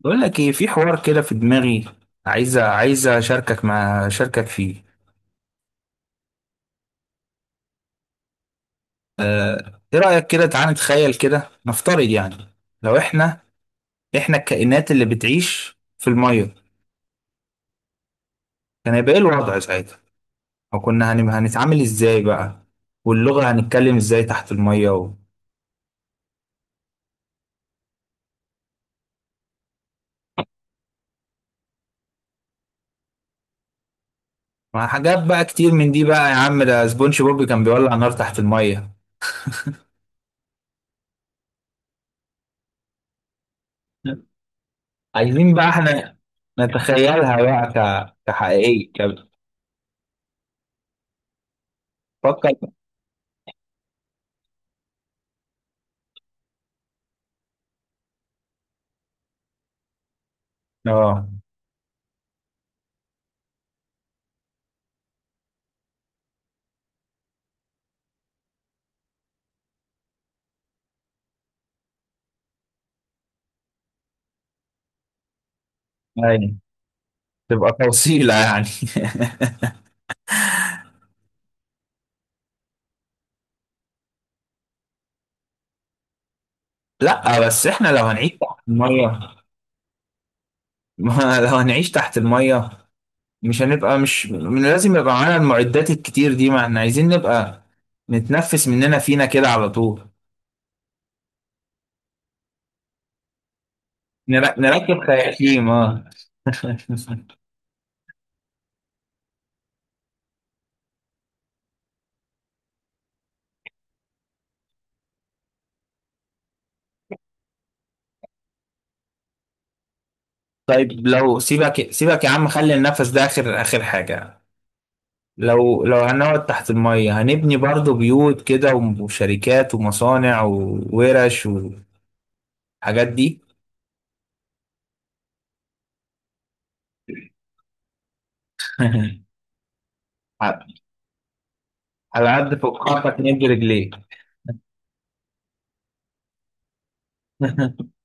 بقول لك ايه، في حوار كده في دماغي. عايزه اشاركك مع اشاركك فيه. آه، ايه رايك كده، تعالى نتخيل كده، نفترض يعني. لو احنا، الكائنات اللي بتعيش في الميه، كان هيبقى ايه الوضع ساعتها؟ او كنا هنتعامل ازاي بقى؟ واللغه هنتكلم ازاي تحت الميه مع حاجات بقى كتير من دي بقى. يا عم، ده سبونج بوب كان بيولع نار تحت الميه. عايزين بقى احنا نتخيلها بقى كحقيقيه كده. فكر. اه. أيوة. تبقى توصيلة يعني. لا بس احنا لو هنعيش تحت المية، ما لو هنعيش تحت المية مش هنبقى، مش من لازم يبقى معانا المعدات الكتير دي، ما احنا عايزين نبقى نتنفس مننا فينا كده على طول. نركب خياشيم، اه. طيب لو سيبك، سيبك يا عم، خلي النفس ده اخر حاجة. لو هنقعد تحت المية، هنبني برضو بيوت كده وشركات ومصانع وورش والحاجات دي. على قد فقاعتك نجي رجليك.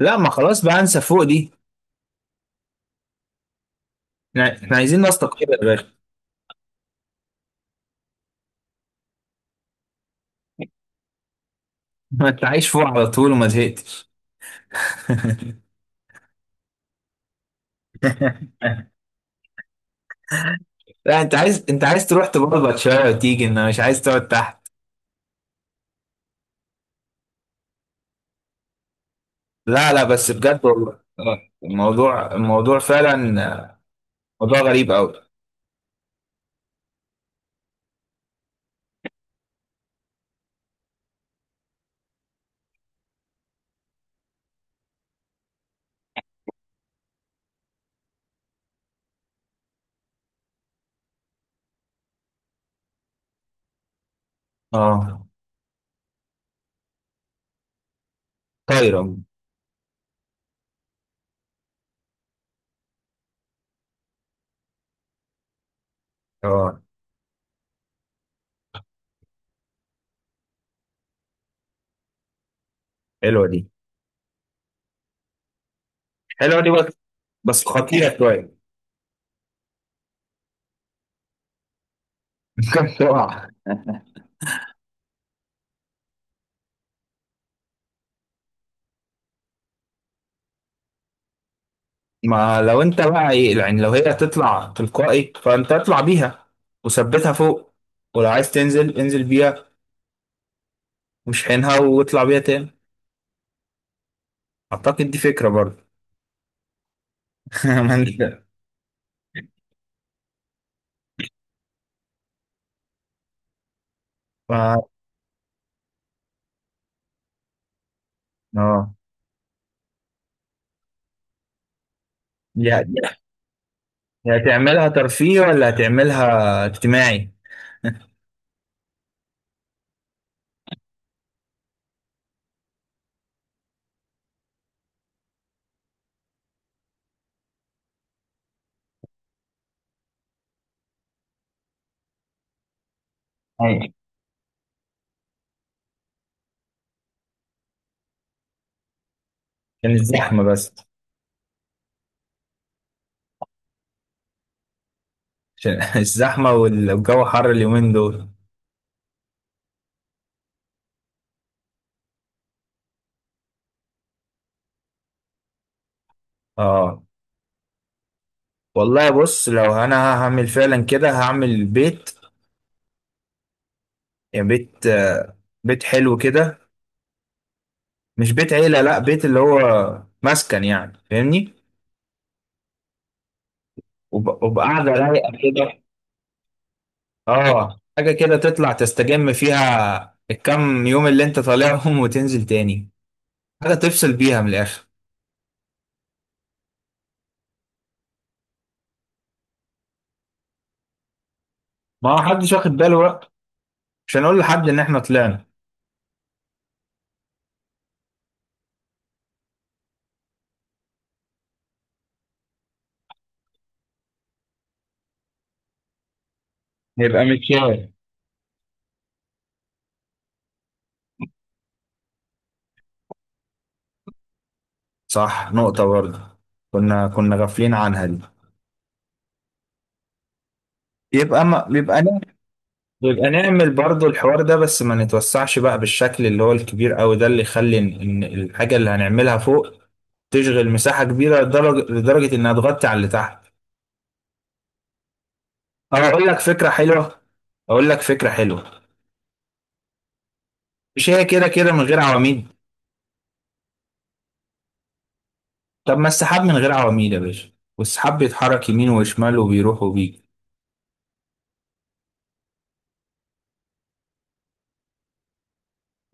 لا ما خلاص بقى، انسى فوق دي. احنا عايزين نسطق كده يا باشا. ما انت عايش فوق على طول وما زهقتش. لا انت عايز، تروح تبلبط شويه وتيجي، انه مش عايز تقعد تحت. لا لا بس بجد والله، آه، الموضوع فعلا آه، موضوع غريب قوي. اه. طايره. اه. حلوه دي، بس، بس خطيره شويه. ممكن تقع. ما لو انت بقى ايه يعني، لو هي تطلع تلقائي فانت اطلع بيها وثبتها فوق، ولو عايز تنزل انزل بيها ومش حينها واطلع بيها تاني. اعتقد دي فكرة برضه. ما انت، ما اه. يا- يا هتعملها ترفيه ولا هتعملها اجتماعي؟ أيوة. عشان الزحمة بس، عشان الزحمة والجو حر اليومين دول. اه والله، بص لو انا هعمل فعلا كده، هعمل بيت. يعني بيت آه، بيت حلو كده، مش بيت عيلة، لا بيت اللي هو مسكن يعني، فاهمني؟ وبقعدة رايقة كده. اه، حاجة كده تطلع تستجم فيها الكام يوم اللي انت طالعهم. وتنزل تاني، حاجة تفصل بيها من الآخر. ما هو حدش واخد باله بقى، مش هنقول لحد ان احنا طلعنا، يبقى متشاف. صح، نقطة برضه، كنا غافلين عنها دي. يبقى ما بيبقى، يبقى نعمل برضو الحوار ده بس ما نتوسعش بقى بالشكل اللي هو الكبير قوي ده، اللي يخلي ان إن الحاجة اللي هنعملها فوق تشغل مساحة كبيرة، لدرجة انها تغطي على اللي تحت. او اقول لك فكرة حلوة، اقول لك فكرة حلوة مش هي كده كده من غير عواميد؟ طب ما السحاب من غير عواميد يا باشا، والسحاب بيتحرك يمين وشمال وبيروح وبيجي.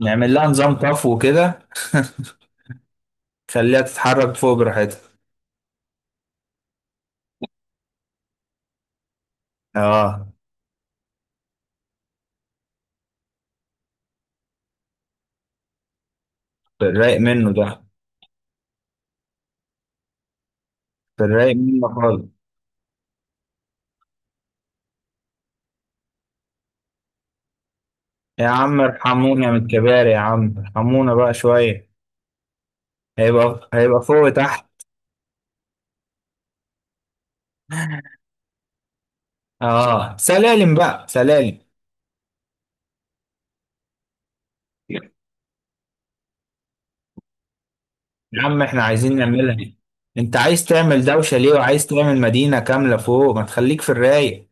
نعمل لها نظام طفو وكده. خليها تتحرك فوق براحتها. اه. في الرايق منه ده، في الرايق منه خالص. يا عم ارحمونا من الكبار، يا عم ارحمونا بقى شوية. هيبقى فوق تحت. اه سلالم بقى، سلالم. يا عم احنا عايزين نعملها، انت عايز تعمل دوشة ليه وعايز تعمل مدينة كاملة فوق؟ ما تخليك في الرايق.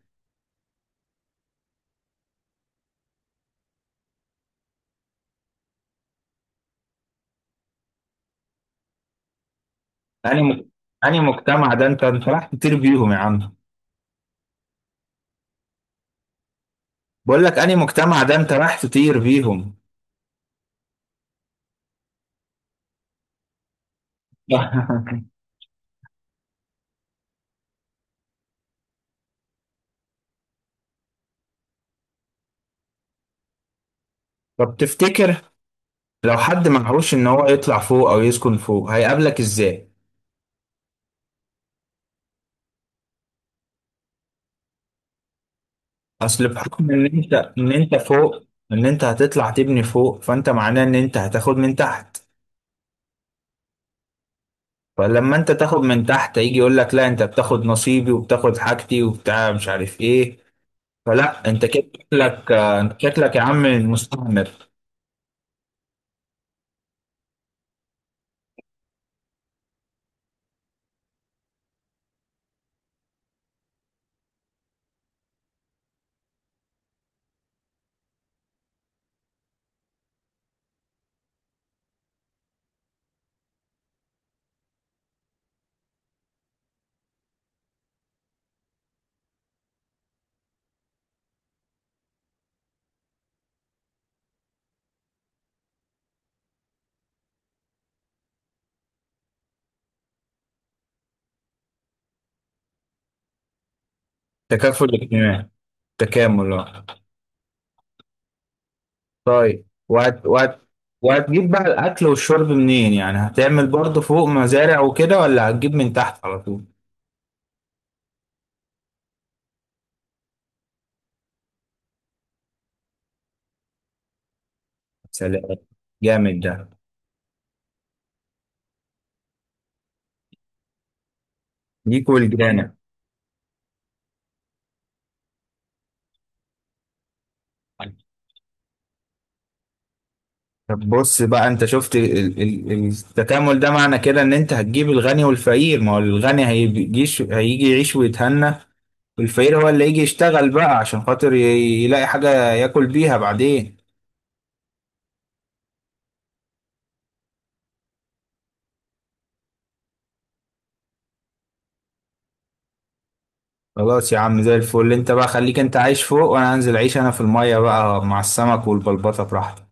اني مك... اني مجتمع ده انت، راح تطير بيهم يا عم. بقول لك اني مجتمع ده انت راح تطير بيهم. طب تفتكر لو حد معهوش ان هو يطلع فوق او يسكن فوق، هيقابلك ازاي؟ اصل بحكم ان انت، فوق، ان انت هتطلع تبني فوق، فانت معناه ان انت هتاخد من تحت. فلما انت تاخد من تحت، يجي يقول لك لا انت بتاخد نصيبي وبتاخد حاجتي وبتاع مش عارف ايه. فلا، انت كده شكلك آه، انت شكلك يا عم مستعمر. تكافل اجتماعي. تكامل آه. طيب وهتجيب بقى الاكل والشرب منين؟ يعني هتعمل برضه فوق مزارع وكده ولا هتجيب من تحت على طول؟ سلام. جامد ده. ليك ولجيرانك. طب بص بقى، انت شفت التكامل ده، معنى كده ان انت هتجيب الغني والفقير. ما هو الغني هيجيش هيجي يعيش ويتهنى، والفقير هو اللي يجي يشتغل بقى عشان خاطر يلاقي حاجة ياكل بيها بعدين. خلاص يا عم، زي الفل. انت بقى خليك انت عايش فوق، وانا هنزل اعيش انا في المية بقى مع السمك والبلبطة براحتي.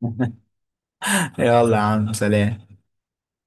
يلا يا عم، سلام.